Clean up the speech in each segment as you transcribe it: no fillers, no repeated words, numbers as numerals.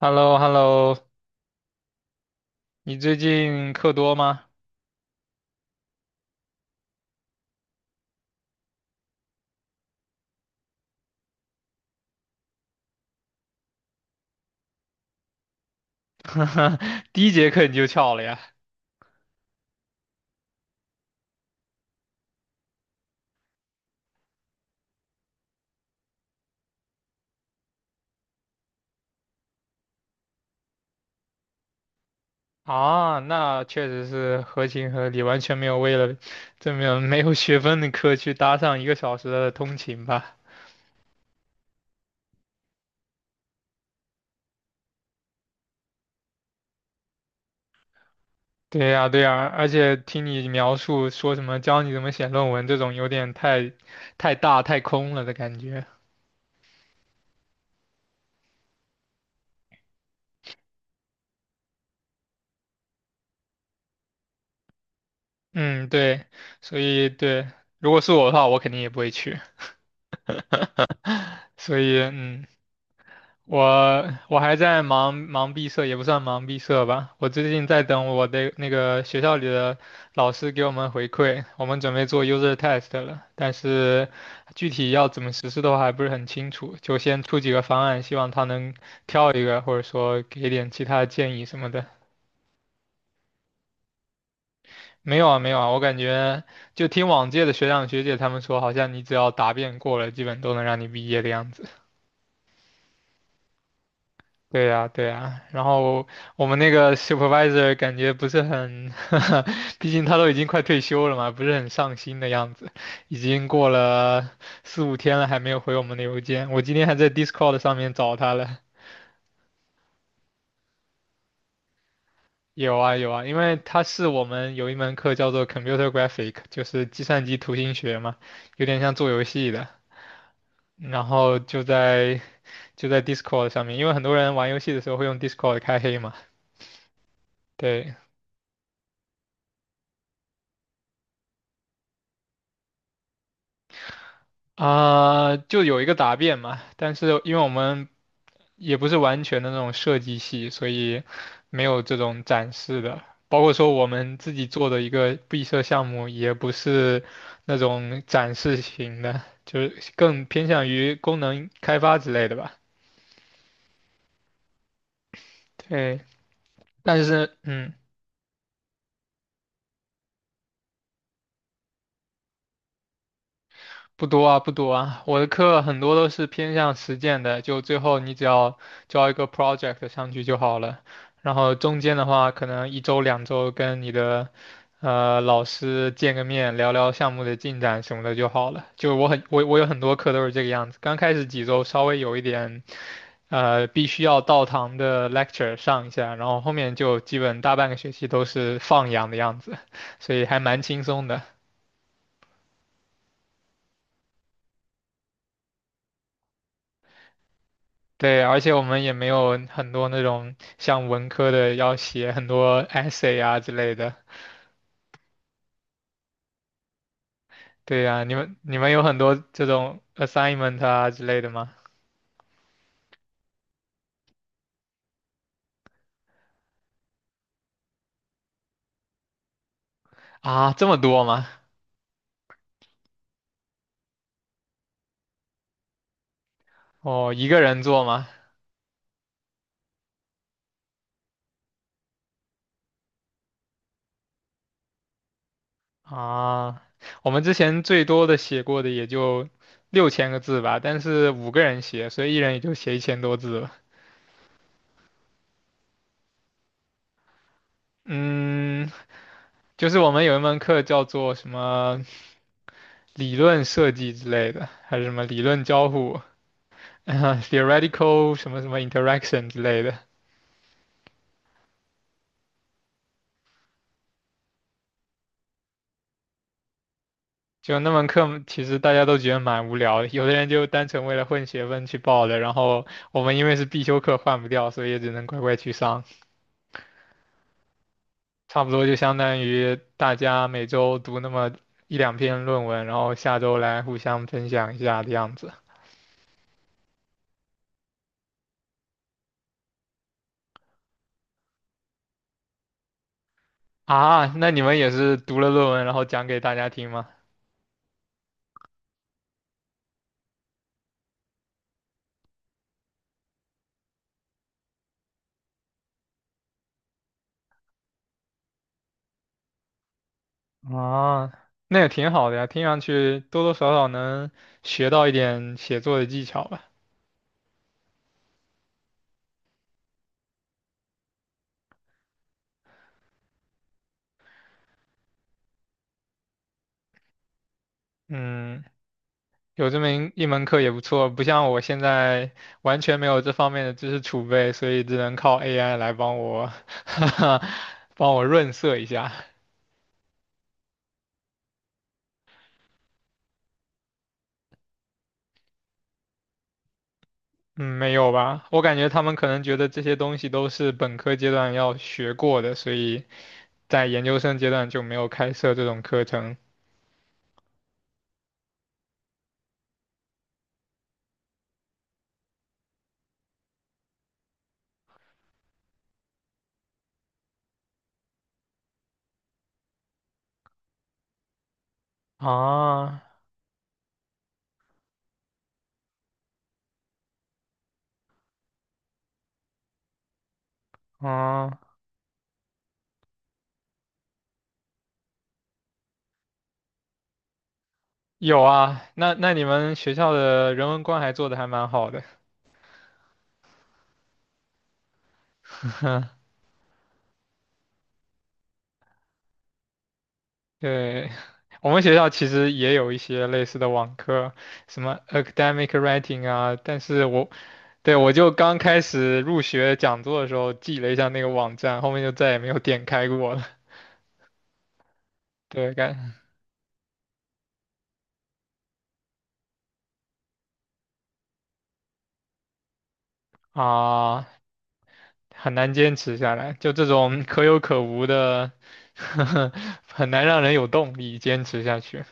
h e l l o hello 你最近课多吗？第一节课你就翘了呀？啊，那确实是合情合理，完全没有为了这么没有学分的课去搭上1个小时的通勤吧？对呀，对呀，而且听你描述说什么教你怎么写论文这种，有点太大太空了的感觉。嗯，对，所以对，如果是我的话，我肯定也不会去。所以我还在忙毕设，也不算忙毕设吧。我最近在等我的那个学校里的老师给我们回馈，我们准备做 user test 了，但是具体要怎么实施的话还不是很清楚，就先出几个方案，希望他能挑一个，或者说给点其他的建议什么的。没有啊，没有啊，我感觉就听往届的学长学姐他们说，好像你只要答辩过了，基本都能让你毕业的样子。对呀，对呀，然后我们那个 supervisor 感觉不是很 毕竟他都已经快退休了嘛，不是很上心的样子。已经过了四五天了，还没有回我们的邮件。我今天还在 Discord 上面找他了。有啊，有啊，因为他是我们有一门课叫做 Computer Graphic，就是计算机图形学嘛，有点像做游戏的。然后就在 Discord 上面，因为很多人玩游戏的时候会用 Discord 开黑嘛。对，啊、就有一个答辩嘛，但是因为我们也不是完全的那种设计系，所以没有这种展示的。包括说我们自己做的一个闭设项目，也不是那种展示型的，就是更偏向于功能开发之类的吧。对，但是嗯。不多啊，不多啊，我的课很多都是偏向实践的，就最后你只要交一个 project 上去就好了。然后中间的话，可能一周两周跟你的老师见个面，聊聊项目的进展什么的就好了。就我有很多课都是这个样子，刚开始几周稍微有一点必须要到堂的 lecture 上一下，然后后面就基本大半个学期都是放养的样子，所以还蛮轻松的。对，而且我们也没有很多那种像文科的要写很多 essay 啊之类的。对呀，你们有很多这种 assignment 啊之类的吗？啊，这么多吗？哦，一个人做吗？啊，我们之前最多的写过的也就6000个字吧，但是5个人写，所以一人也就写1000多字了。嗯，就是我们有一门课叫做什么理论设计之类的，还是什么理论交互，啊 theoretical 什么什么 interaction 之类的。就那门课，其实大家都觉得蛮无聊的，有的人就单纯为了混学分去报的，然后我们因为是必修课换不掉，所以也只能乖乖去上。差不多就相当于大家每周读那么一两篇论文，然后下周来互相分享一下的样子。啊，那你们也是读了论文然后讲给大家听吗？啊，那也挺好的呀，听上去多多少少能学到一点写作的技巧吧。嗯，有这么一门课也不错，不像我现在完全没有这方面的知识储备，所以只能靠 AI 来帮我，帮我润色一下。嗯，没有吧？我感觉他们可能觉得这些东西都是本科阶段要学过的，所以在研究生阶段就没有开设这种课程。啊，啊，有啊，那那你们学校的人文关怀做的还蛮好的。对，我们学校其实也有一些类似的网课，什么 academic writing 啊，但是我，对，我就刚开始入学讲座的时候记了一下那个网站，后面就再也没有点开过了。对，啊，很难坚持下来，就这种可有可无的，很难让人有动力坚持下去。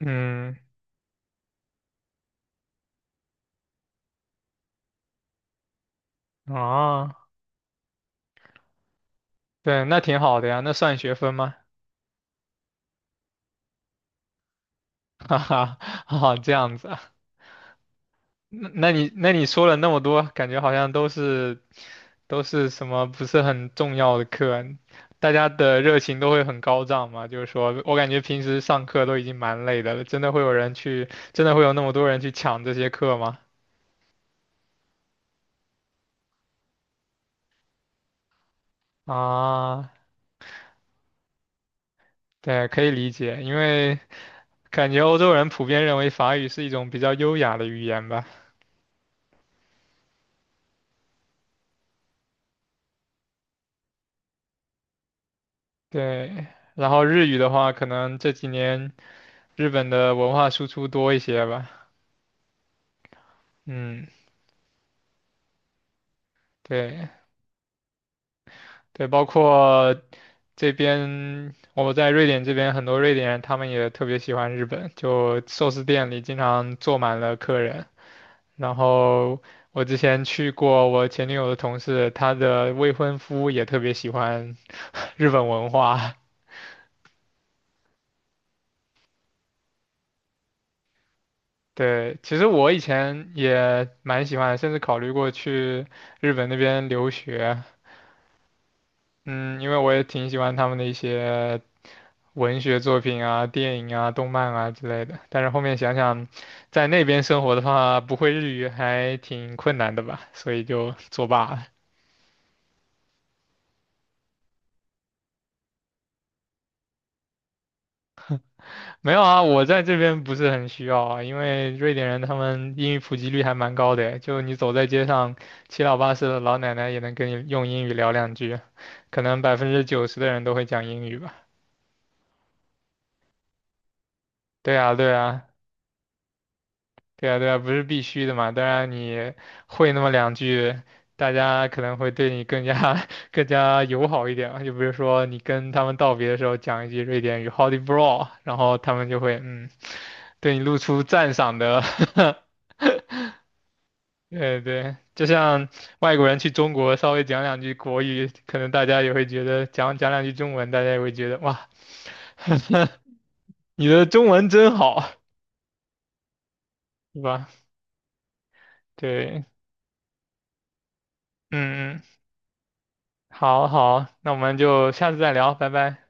嗯，啊，对，那挺好的呀，那算学分吗？哈哈，啊，这样子啊。那你说了那么多，感觉好像都是什么不是很重要的课啊，大家的热情都会很高涨嘛。就是说我感觉平时上课都已经蛮累的了，真的会有人去，真的会有那么多人去抢这些课吗？啊，对，可以理解，因为感觉欧洲人普遍认为法语是一种比较优雅的语言吧。对，然后日语的话，可能这几年日本的文化输出多一些吧。嗯。对，对，包括这边我在瑞典这边，很多瑞典人他们也特别喜欢日本，就寿司店里经常坐满了客人。然后我之前去过我前女友的同事，她的未婚夫也特别喜欢日本文化。对，其实我以前也蛮喜欢的，甚至考虑过去日本那边留学。嗯，因为我也挺喜欢他们的一些文学作品啊、电影啊、动漫啊之类的。但是后面想想，在那边生活的话，不会日语还挺困难的吧，所以就作罢了。没有啊，我在这边不是很需要啊，因为瑞典人他们英语普及率还蛮高的，就你走在街上，七老八十的老奶奶也能跟你用英语聊两句，可能90%的人都会讲英语吧。对啊，对啊，对啊，对啊，不是必须的嘛。当然，你会那么两句，大家可能会对你更加 更加友好一点嘛。就比如说，你跟他们道别的时候讲一句瑞典语 hodibra 然后他们就会嗯，对你露出赞赏的。对对，就像外国人去中国稍微讲两句国语，可能大家也会觉得讲讲两句中文，大家也会觉得哇，你的中文真好，是吧？对，嗯嗯。好好，那我们就下次再聊，拜拜。